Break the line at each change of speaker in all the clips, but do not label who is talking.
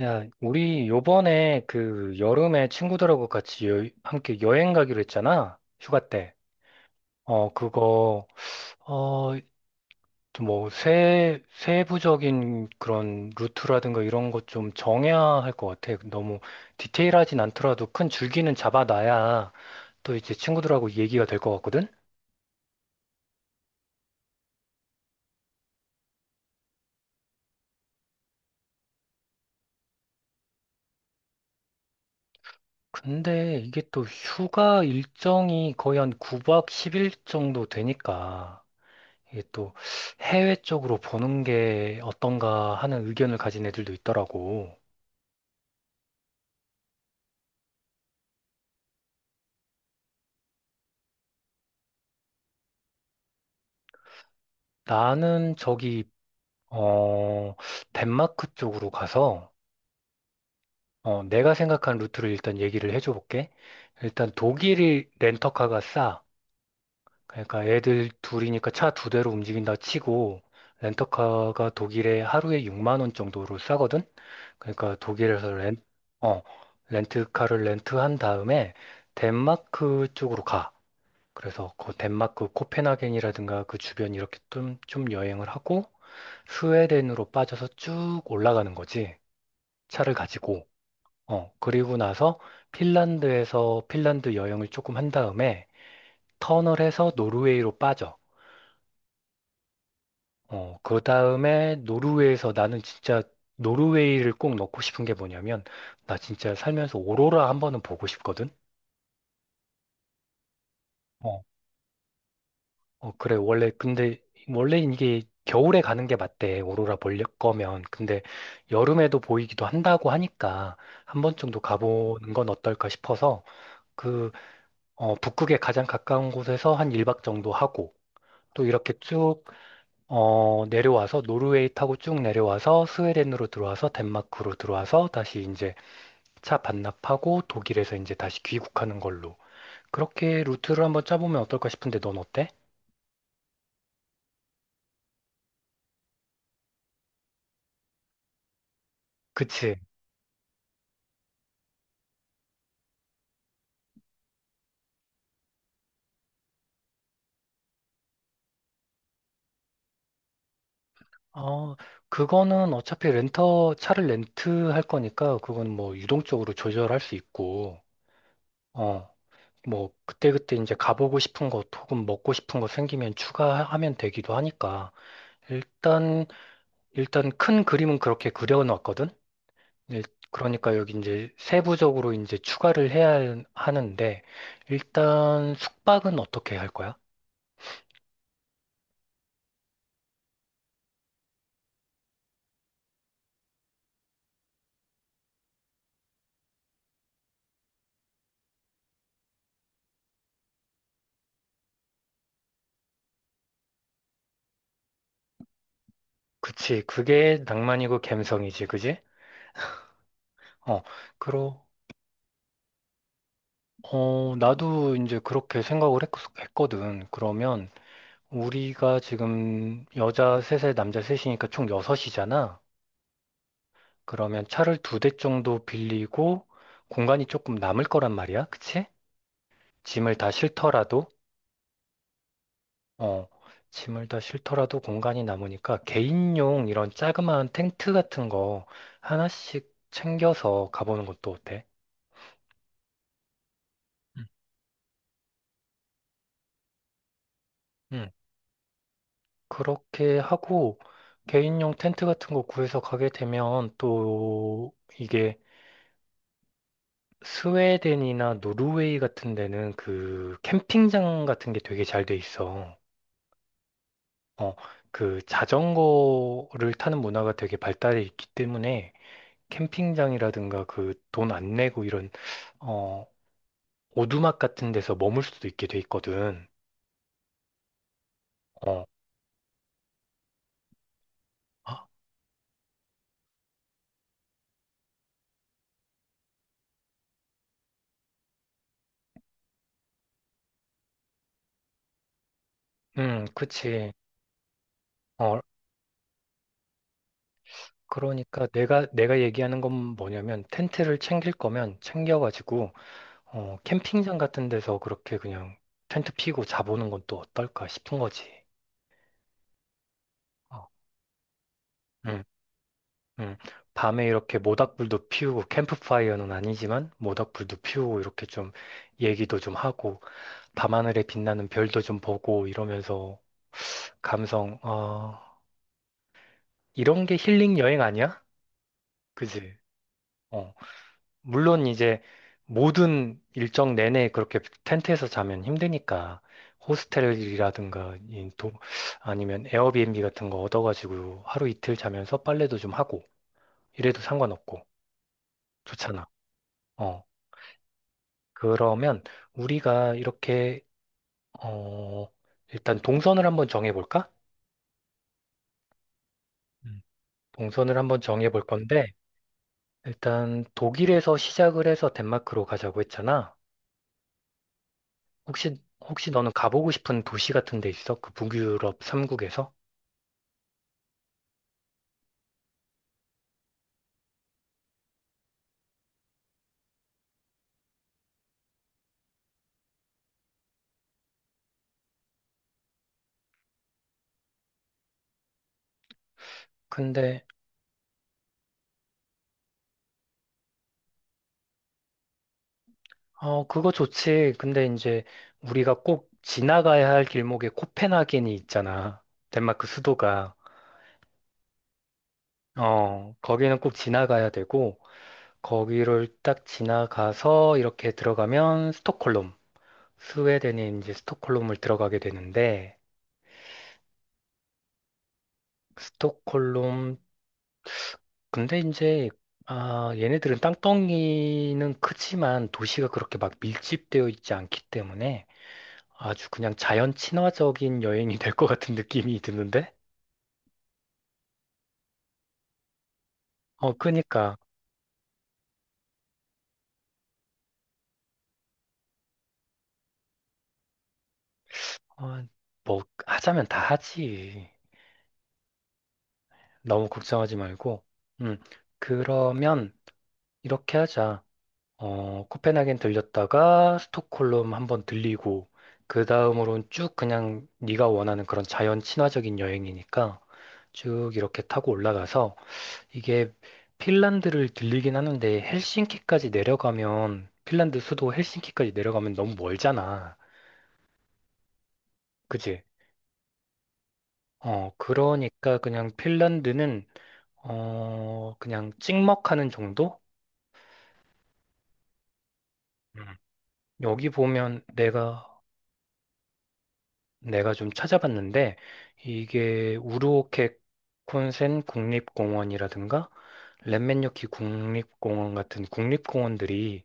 야, 우리 요번에 그 여름에 친구들하고 같이 함께 여행 가기로 했잖아. 휴가 때. 어, 그거, 어, 세부적인 그런 루트라든가 이런 것 좀 정해야 할 것 같아. 너무 디테일하진 않더라도 큰 줄기는 잡아놔야 또 이제 친구들하고 얘기가 될 것 같거든? 근데 이게 또 휴가 일정이 거의 한 9박 10일 정도 되니까. 이게 또 해외 쪽으로 보는 게 어떤가 하는 의견을 가진 애들도 있더라고. 나는 저기, 어, 덴마크 쪽으로 가서, 내가 생각한 루트를 일단 얘기를 해줘 볼게. 일단 독일이 렌터카가 싸. 그러니까 애들 둘이니까 차 두 대로 움직인다 치고, 렌터카가 독일에 하루에 6만 원 정도로 싸거든? 그러니까 독일에서 렌, 어, 렌트카를 렌트한 다음에 덴마크 쪽으로 가. 그래서 그 덴마크 코펜하겐이라든가 그 주변 이렇게 좀 여행을 하고 스웨덴으로 빠져서 쭉 올라가는 거지. 차를 가지고. 그리고 나서 핀란드에서 핀란드 여행을 조금 한 다음에 터널해서 노르웨이로 빠져. 어, 그 다음에 노르웨이에서 나는 진짜 노르웨이를 꼭 넣고 싶은 게 뭐냐면 나 진짜 살면서 오로라 한 번은 보고 싶거든. 어, 그래. 원래 이게 겨울에 가는 게 맞대. 오로라 볼 거면. 근데 여름에도 보이기도 한다고 하니까 한 번 정도 가보는 건 어떨까 싶어서 그, 북극에 가장 가까운 곳에서 한 1박 정도 하고 또 이렇게 쭉 내려와서 노르웨이 타고 쭉 내려와서 스웨덴으로 들어와서 덴마크로 들어와서 다시 이제 차 반납하고 독일에서 이제 다시 귀국하는 걸로. 그렇게 루트를 한번 짜보면 어떨까 싶은데 넌 어때? 그치? 어, 차를 렌트할 거니까, 그건 뭐 유동적으로 조절할 수 있고, 어, 뭐, 그때그때 이제 가보고 싶은 것 혹은 먹고 싶은 거 생기면 추가하면 되기도 하니까, 일단, 일단 큰 그림은 그렇게 그려놨거든? 일- 그러니까 여기 이제 세부적으로 이제 하는데, 일단 숙박은 어떻게 할 거야? 그치, 그게 낭만이고 갬성이지, 그지? 어, 그러, 나도 이제 그렇게 생각을 했, 거든 그러면 우리가 지금 여자 셋에 남자 셋이니까 총 여섯이잖아. 그러면 차를 두 대 정도 빌리고 공간이 조금 남을 거란 말이야. 그치? 짐을 다 싣더라도, 어, 짐을 다 싣더라도 공간이 남으니까 개인용 이런 자그마한 텐트 같은 거 하나씩 챙겨서 가보는 것도 어때? 응. 그렇게 하고 개인용 텐트 같은 거 구해서 가게 되면 또 이게 스웨덴이나 노르웨이 같은 데는 그 캠핑장 같은 게 되게 잘 돼 있어. 어, 그 자전거를 타는 문화가 되게 발달해 있기 때문에 캠핑장이라든가 그 돈 안 내고 이런 어, 오두막 같은 데서 머물 수도 있게 돼 있거든. 어, 아, 그치. 어, 그러니까 내가 얘기하는 건 뭐냐면 텐트를 챙길 거면 챙겨가지고 캠핑장 같은 데서 그렇게 그냥 텐트 피고 자보는 건 또 어떨까 싶은 거지. 어, 응, 응. 밤에 이렇게 모닥불도 피우고 캠프파이어는 아니지만 모닥불도 피우고 이렇게 좀 얘기도 좀 하고 밤하늘에 빛나는 별도 좀 보고 이러면서 감성 어, 이런 게 힐링 여행 아니야? 그지? 어. 물론 이제 모든 일정 내내 그렇게 텐트에서 자면 힘드니까 호스텔이라든가 이 도, 아니면 에어비앤비 같은 거 얻어가지고 하루 이틀 자면서 빨래도 좀 하고 이래도 상관없고 좋잖아. 어, 그러면 우리가 이렇게 어, 일단 동선을 한번 정해볼까? 음. 동선을 한번 정해볼 건데 일단 독일에서 시작을 해서 덴마크로 가자고 했잖아. 혹시, 혹시 너는 가보고 싶은 도시 같은 데 있어? 그 북유럽 3국에서? 근데, 그거 좋지. 근데 이제 우리가 꼭 지나가야 할 길목에 코펜하겐이 있잖아. 덴마크 수도가. 어, 거기는 꼭 지나가야 되고, 거기를 딱 지나가서 이렇게 들어가면 스톡홀름. 스웨덴의 이제 스톡홀름을 들어가게 되는데, 스톡홀름 근데 이제 아, 얘네들은 땅덩이는 크지만 도시가 그렇게 막 밀집되어 있지 않기 때문에 아주 그냥 자연 친화적인 여행이 될 것 같은 느낌이 드는데? 어, 그니까 어, 뭐 하자면 다 하지. 너무 걱정하지 말고. 음, 그러면 이렇게 하자. 어, 코펜하겐 들렸다가 스톡홀름 한번 들리고 그 다음으로는 쭉 그냥 네가 원하는 그런 자연 친화적인 여행이니까 쭉 이렇게 타고 올라가서 이게 핀란드를 들리긴 하는데 헬싱키까지 내려가면 핀란드 수도 헬싱키까지 내려가면 너무 멀잖아. 그지? 어, 그러니까 그냥 핀란드는 어, 그냥 찍먹하는 정도? 음. 여기 보면 내가 내가 좀 찾아봤는데 이게 우르오케 콘센 국립공원이라든가 렛면요키 국립공원 같은 국립공원들이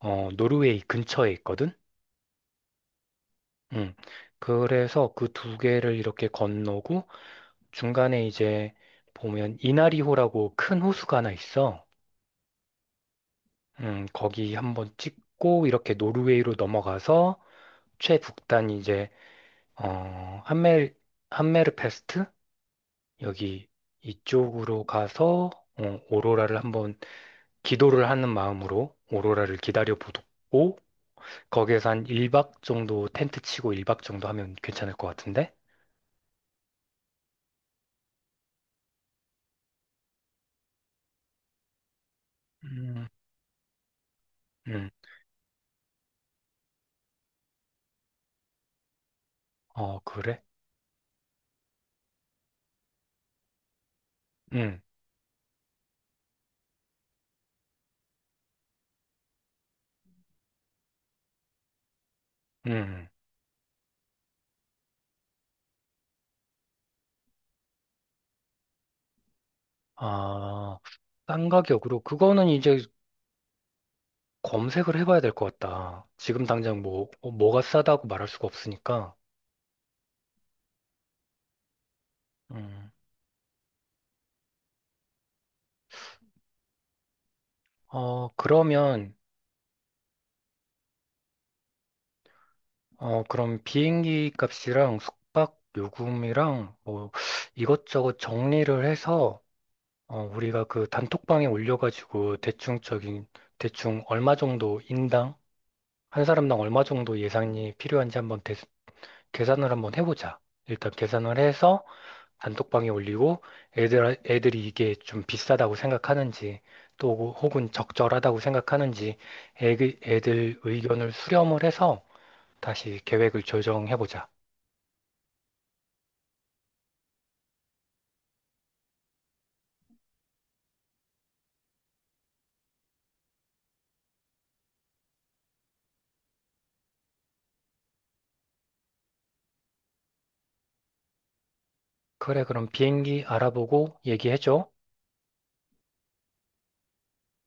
어, 노르웨이 근처에 있거든. 음. 그래서 그 두 개를 이렇게 건너고 중간에 이제 보면 이나리호라고 큰 호수가 하나 있어. 거기 한번 찍고 이렇게 노르웨이로 넘어가서 최북단 이제 어, 한멜 함메르페스트 여기 이쪽으로 가서 어, 오로라를 한번 기도를 하는 마음으로 오로라를 기다려 보고 거기에서 한 1박 정도 텐트 치고 1박 정도 하면 괜찮을 것 같은데? 음, 음, 어, 그래? 음, 음. 아, 싼 가격으로 그거는 이제 검색을 해봐야 될 것 같다. 지금 당장 뭐 어, 뭐가 싸다고 말할 수가 없으니까. 음. 어, 그러면 그럼 비행기 값이랑 숙박 요금이랑 뭐 이것저것 정리를 해서 우리가 그 단톡방에 올려가지고 대충 얼마 정도 인당 한 사람당 얼마 정도 예산이 필요한지 계산을 한번 해보자. 일단 계산을 해서 단톡방에 올리고 애들이 이게 좀 비싸다고 생각하는지 또 혹은 적절하다고 생각하는지 애들 의견을 수렴을 해서 다시 계획을 조정해보자. 그래, 그럼 비행기 알아보고 얘기해줘.